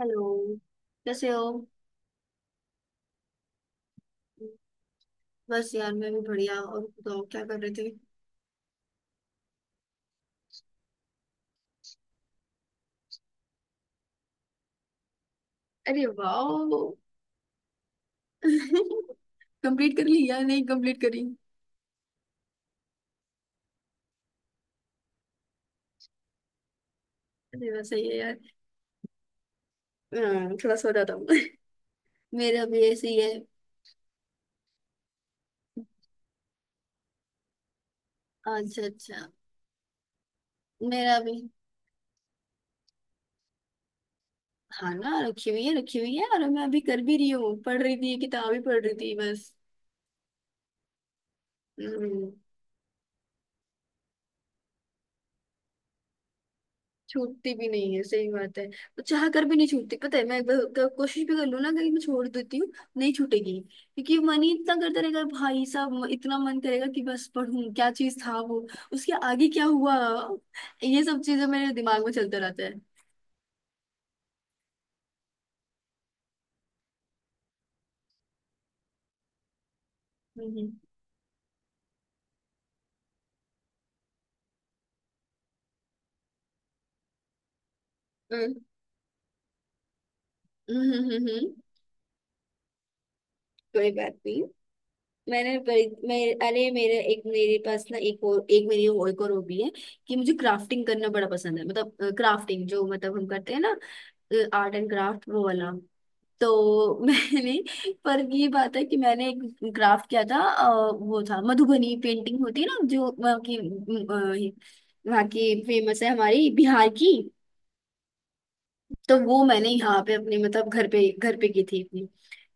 Hello. कैसे हो? बस यार, मैं भी बढ़िया। और बताओ क्या कर रहे थे? अरे वाह। कंप्लीट कर ली या नहीं, कंप्लीट करी? अरे वैसे ही है यार। थोड़ा सो जाता हूँ। मेरा भी ऐसे ही है। अच्छा, अच्छा। मेरा भी। हाँ ना, रखी हुई है, रखी हुई है और मैं अभी कर भी रही हूँ, पढ़ रही थी, किताब ही पढ़ रही थी बस। हम्म। छूटती भी नहीं है, सही बात है। वो चाह कर भी नहीं छूटती। पता है, मैं एक बार कोशिश भी कर लूँ ना, कहीं मैं छोड़ देती हूँ, नहीं छूटेगी। क्योंकि मन ही इतना करता रहेगा भाई साहब, इतना मन करेगा कि बस पढ़ूं, क्या चीज था वो, उसके आगे क्या हुआ। ये सब चीजें मेरे दिमाग में चलता रहता है। हम्म, हम्म, हम्म, हम्म। कोई बात नहीं। मैं, अरे मेरे एक मेरे पास ना, एक और एक, मेरी और एक और हॉबी है। कि मुझे क्राफ्टिंग करना बड़ा पसंद है, मतलब क्राफ्टिंग जो मतलब हम करते हैं ना। आर्ट एंड क्राफ्ट, वो वाला। तो मैंने, पर ये बात है कि मैंने एक ग्राफ किया था। वो था, मधुबनी पेंटिंग होती है ना, जो वहाँ की, वहाँ की फेमस है, हमारी बिहार की। तो वो मैंने यहाँ पे अपने मतलब घर पे की थी।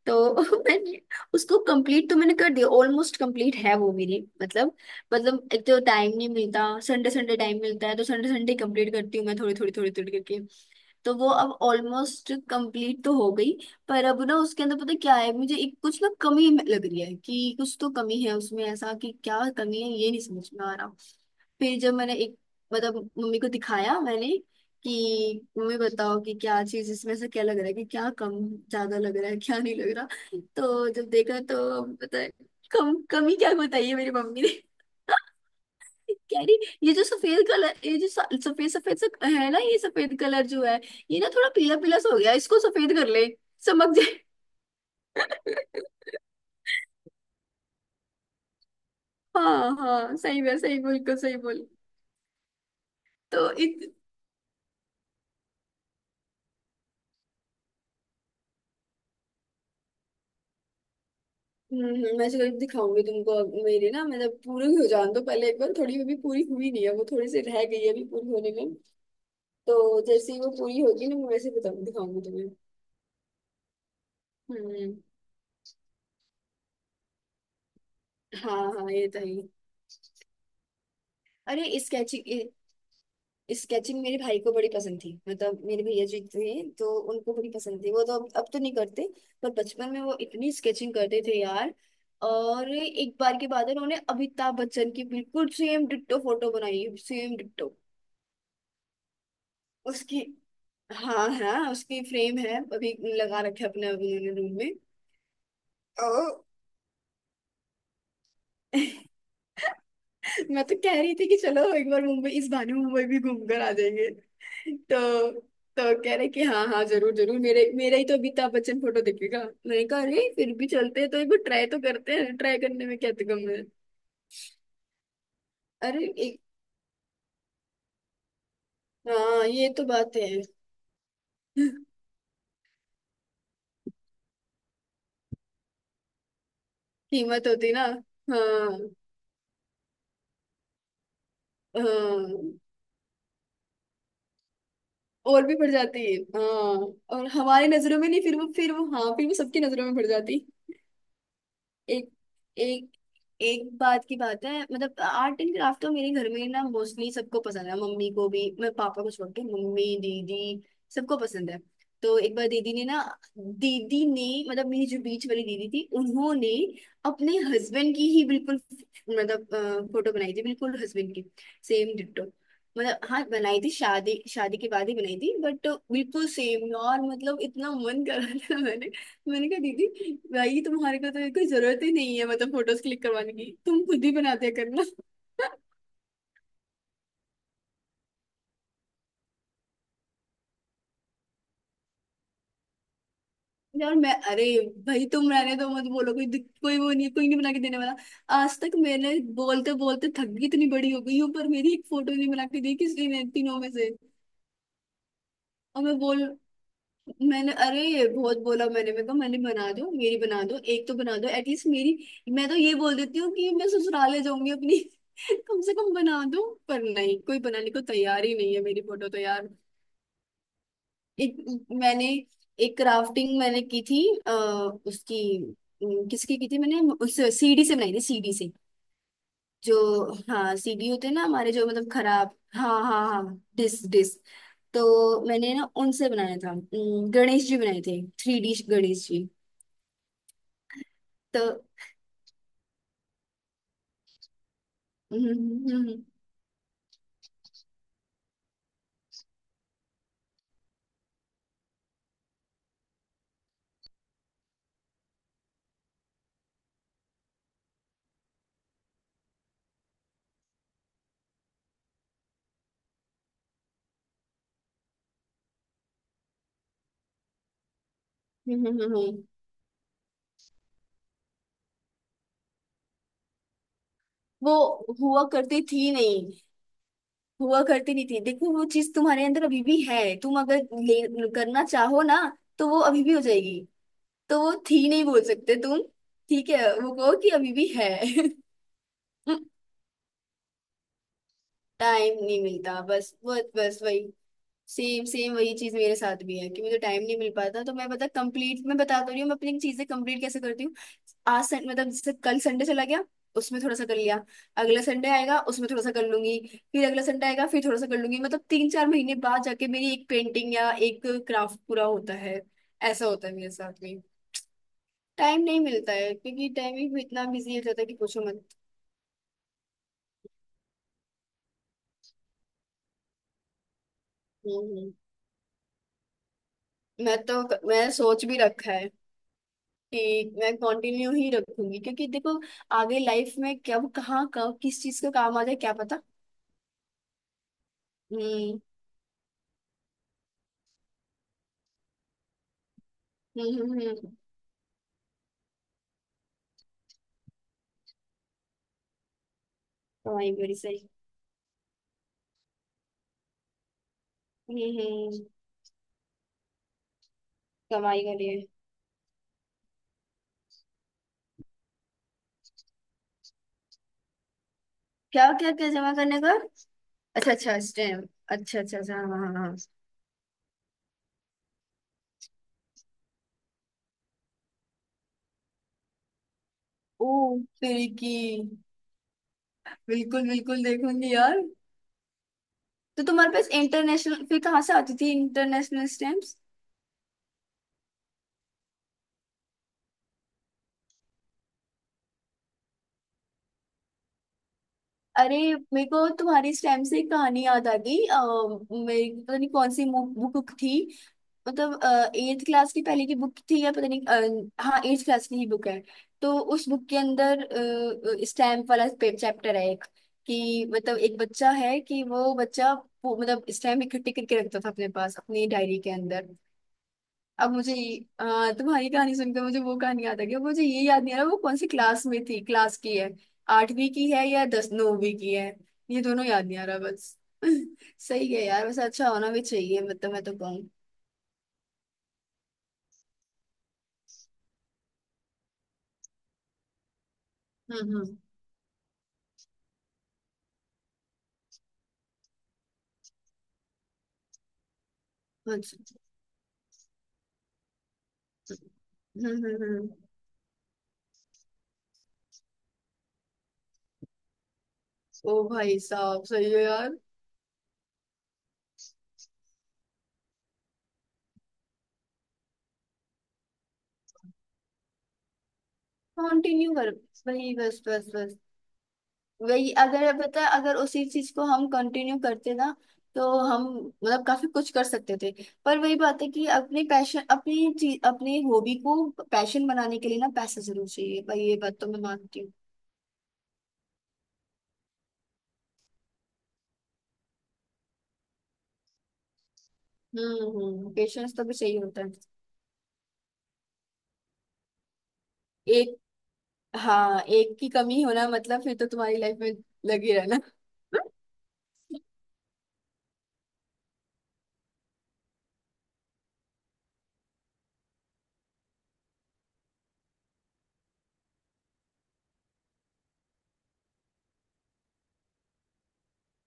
तो मैंने उसको कंप्लीट तो मैंने कर दिया, ऑलमोस्ट कंप्लीट है वो मेरी, मतलब, मतलब एक तो टाइम नहीं मिलता, संडे संडे टाइम मिलता है तो संडे संडे कंप्लीट करती हूँ मैं, थोड़ी थोड़ी थोड़ी थोड़ी करके। तो वो अब ऑलमोस्ट कंप्लीट तो हो गई। पर अब ना उसके अंदर पता क्या है, मुझे एक कुछ ना कमी लग रही है, कि कुछ तो कमी है उसमें, ऐसा कि क्या कमी है ये नहीं समझ में आ रहा। फिर जब मैंने एक, मतलब मम्मी को दिखाया मैंने, कि तुम्हें बताओ कि क्या चीज इसमें से क्या लग रहा है, कि क्या कम ज्यादा लग रहा है, क्या नहीं लग रहा। तो जब देखा तो पता है, कम कमी क्या बताई है मेरी मम्मी ने। कह रही, ये जो सफेद कलर, ये जो सफेद सफेद सा है ना, ये सफेद कलर जो है, ये ना थोड़ा पीला पीला सा हो गया, इसको सफेद कर ले, चमक जाए। हाँ, हाँ, सही है, सही बिल्कुल सही बोल। तो इत, हम्म, मैं जरूर दिखाऊंगी तुमको, अब मेरी ना मतलब पूरी हो जान दो पहले एक बार, थोड़ी अभी पूरी हुई नहीं है वो, थोड़ी सी रह गई है अभी पूरी होने में। तो जैसे ही वो पूरी होगी ना मैं, वैसे बताऊंगी, दिखाऊंगी तुम्हें। हम्म। हाँ, हाँ, ये तो है ही। अरे स्केचिंग, स्केचिंग मेरे भाई को बड़ी पसंद थी, मतलब मेरे भैया जी थे, तो उनको बड़ी पसंद थी, वो तो अब तो नहीं करते। पर बचपन में वो इतनी स्केचिंग करते थे यार। और एक बार के बाद उन्होंने अमिताभ बच्चन की बिल्कुल सेम डिट्टो फोटो बनाई, सेम डिट्टो। उसकी, हाँ, हाँ, उसकी फ्रेम है अभी, लगा रखे अपने अभी उन्होंने रूम में। ओ। मैं तो कह रही थी कि चलो एक बार मुंबई इस बहाने मुंबई भी घूम कर आ जाएंगे। तो तो कह रहे कि हाँ, हाँ, जरूर, जरूर, मेरे मेरा ही तो अमिताभ बच्चन फोटो दिखेगा। मैंने कहा अरे फिर भी चलते हैं तो, एक बार ट्राई तो करते हैं, ट्राई करने में क्या गम है। अरे एक, हाँ ये तो बात है। कीमत होती ना। हाँ हाँ। और भी बढ़ जाती है। हाँ, और हमारी नजरों में नहीं, फिर वो हाँ फिर वो सबकी नजरों में बढ़ जाती। एक एक एक बात की बात है मतलब, आर्ट एंड क्राफ्ट तो मेरे घर में ना मोस्टली सबको पसंद है, मम्मी को भी, मैं पापा को छोड़ के, मम्मी, दीदी, सबको पसंद है। तो एक बार दीदी ने ना, दीदी ने मतलब मेरी जो बीच वाली दीदी थी, उन्होंने अपने हस्बैंड की ही बिल्कुल, मतलब, फोटो बनाई थी बिल्कुल हस्बैंड की, सेम डिट्टो। मतलब हाँ, बनाई थी, शादी शादी के बाद ही बनाई थी बट, बिल्कुल सेम यार, मतलब इतना मन कर रहा था मैंने। मैंने कहा दीदी, भाई तुम्हारे को तो कोई जरूरत ही नहीं है मतलब फोटोज क्लिक करवाने की, तुम खुद ही बनाते करना। यार मैं, अरे भाई तुम रहने दो, मत बोलो, कोई वो नहीं, कोई नहीं बना के देने वाला। आज तक मैंने, बोलते बोलते थक गई, इतनी बड़ी हो गई हूँ, पर मेरी एक फोटो नहीं बना के दी किसी ने तीनों में से। और मैं बोल, मैंने, अरे बहुत बोला मैंने, मैं कहा मैंने, बना दो मेरी, बना दो एक तो, बना दो एटलीस्ट मेरी। मैं तो ये बोल देती हूँ कि मैं ससुराल ले जाऊंगी अपनी, कम से कम बना दो, पर नहीं कोई बनाने को तैयार ही नहीं है मेरी फोटो तो यार। एक, मैंने, एक क्राफ्टिंग मैंने की थी। आ, उसकी, किसकी की थी मैंने, उस सीडी से बनाई थी, सीडी से, जो, हाँ सीडी होते हैं ना हमारे जो मतलब खराब, हाँ, हाँ, हाँ, डिस्क, डिस्क। तो मैंने ना उनसे बनाया था, गणेश जी बनाए थे, 3D गणेश जी। तो वो हुआ करती थी नहीं, हुआ करती नहीं थी, देखो वो चीज तुम्हारे अंदर अभी भी है, तुम अगर ले, करना चाहो ना तो वो अभी भी हो जाएगी। तो वो थी नहीं बोल सकते तुम, ठीक है वो कहो कि अभी भी है। टाइम नहीं मिलता, बस, बस, बस वही। सेम सेम वही चीज मेरे साथ भी है कि मुझे टाइम नहीं मिल पाता, तो मैं पता, कंप्लीट, मैं बता तो रही हूँ मैं अपनी चीजें कंप्लीट कैसे करती हूँ। आज मतलब जैसे कल संडे चला गया, उसमें थोड़ा सा कर लिया। अगला संडे आएगा, उसमें थोड़ा सा कर लूंगी। फिर अगला संडे आएगा, फिर थोड़ा सा कर लूंगी, मतलब 3-4 महीने बाद जाके मेरी एक पेंटिंग या एक क्राफ्ट पूरा होता है। ऐसा होता है मेरे साथ में। टाइम नहीं मिलता है क्योंकि टाइमिंग भी इतना बिजी हो जाता है कि पूछो मत। हम्म, मैं तो, मैं सोच भी रखा है कि मैं कंटिन्यू ही रखूंगी क्योंकि देखो, आगे लाइफ में कब, कहाँ, कब किस चीज का काम आ जाए क्या पता। हम्म, हम्म, हम्म, हम्म। कमाई बड़ी सही। हम्म, हम्म, कमाई करी है। क्या, क्या, क्या जमा करने का? अच्छा, अच्छा, स्टैम्प, अच्छा, अच्छा, अच्छा, हाँ, हाँ, हाँ। ओ तेरी की। बिल्कुल, बिल्कुल, देखूंगी यार। तो तुम्हारे पास इंटरनेशनल, फिर कहाँ से आती थी इंटरनेशनल स्टैम्प्स? अरे मेरे को तुम्हारी स्लैम से एक कहानी याद आ गई। मेरी पता नहीं कौन सी बुक थी, मतलब एट्थ क्लास की पहले की बुक थी या पता नहीं। हाँ एट्थ क्लास की ही बुक है। तो उस बुक के अंदर स्टैम्प वाला चैप्टर है एक, कि मतलब एक बच्चा है कि वो बच्चा, वो, मतलब स्टैम्प इकट्ठे करके रखता था अपने पास, अपनी डायरी के अंदर। अब मुझे ये, तुम्हारी कहानी सुनकर मुझे वो कहानी याद आ गया, मुझे ये याद नहीं आ रहा वो कौन सी क्लास में थी, क्लास की है, आठवीं की है या दस, नौवीं की है, ये दोनों याद नहीं आ रहा बस। सही है यार, वैसे अच्छा होना भी चाहिए मतलब, मैं तो कहूँ। हम्म, हम्म, अच्छा, हम्म, हम्म, ओ भाई साहब सही है यार। कंटिन्यू कर, वही, बस, बस, बस वही, अगर पता है, अगर उसी चीज को हम कंटिन्यू करते ना, तो हम मतलब काफी कुछ कर सकते थे। पर वही बात है कि अपने पैशन, अपनी चीज, अपने हॉबी को पैशन बनाने के लिए ना पैसा जरूर चाहिए भाई, ये बात तो मैं मानती हूँ। हम्म, हम्म, पेशेंस तो भी चाहिए होता है। एक, हाँ एक की कमी होना मतलब फिर तो तुम्हारी लाइफ में लगी रहना।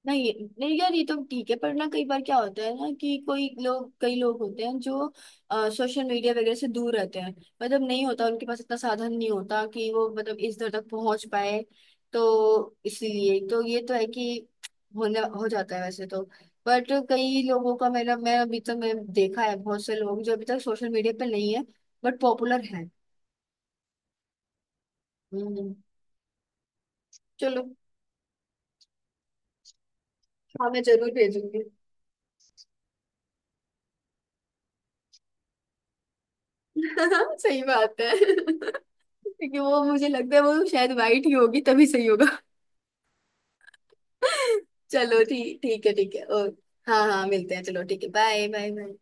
नहीं, नहीं यार ये तो ठीक है, पर ना कई बार क्या होता है ना, कि कोई लोग, कई लोग होते हैं जो सोशल मीडिया वगैरह से दूर रहते हैं। मतलब नहीं होता, उनके पास इतना साधन नहीं होता कि वो मतलब इस दर तक पहुंच पाए। तो इसीलिए तो ये तो है कि होने हो जाता है वैसे तो। बट कई लोगों का मेरा, मैं अभी तक मैं देखा है बहुत से लोग जो अभी तक सोशल मीडिया पे नहीं है, बट पॉपुलर है। हम्म। चलो, हाँ मैं जरूर भेजूंगी। सही बात है। क्योंकि वो मुझे लगता है वो शायद वाइट ही होगी तभी सही होगा। चलो ठीक, ठीक है, ठीक है। और हाँ, हाँ, मिलते हैं, चलो ठीक है, बाय, बाय, बाय।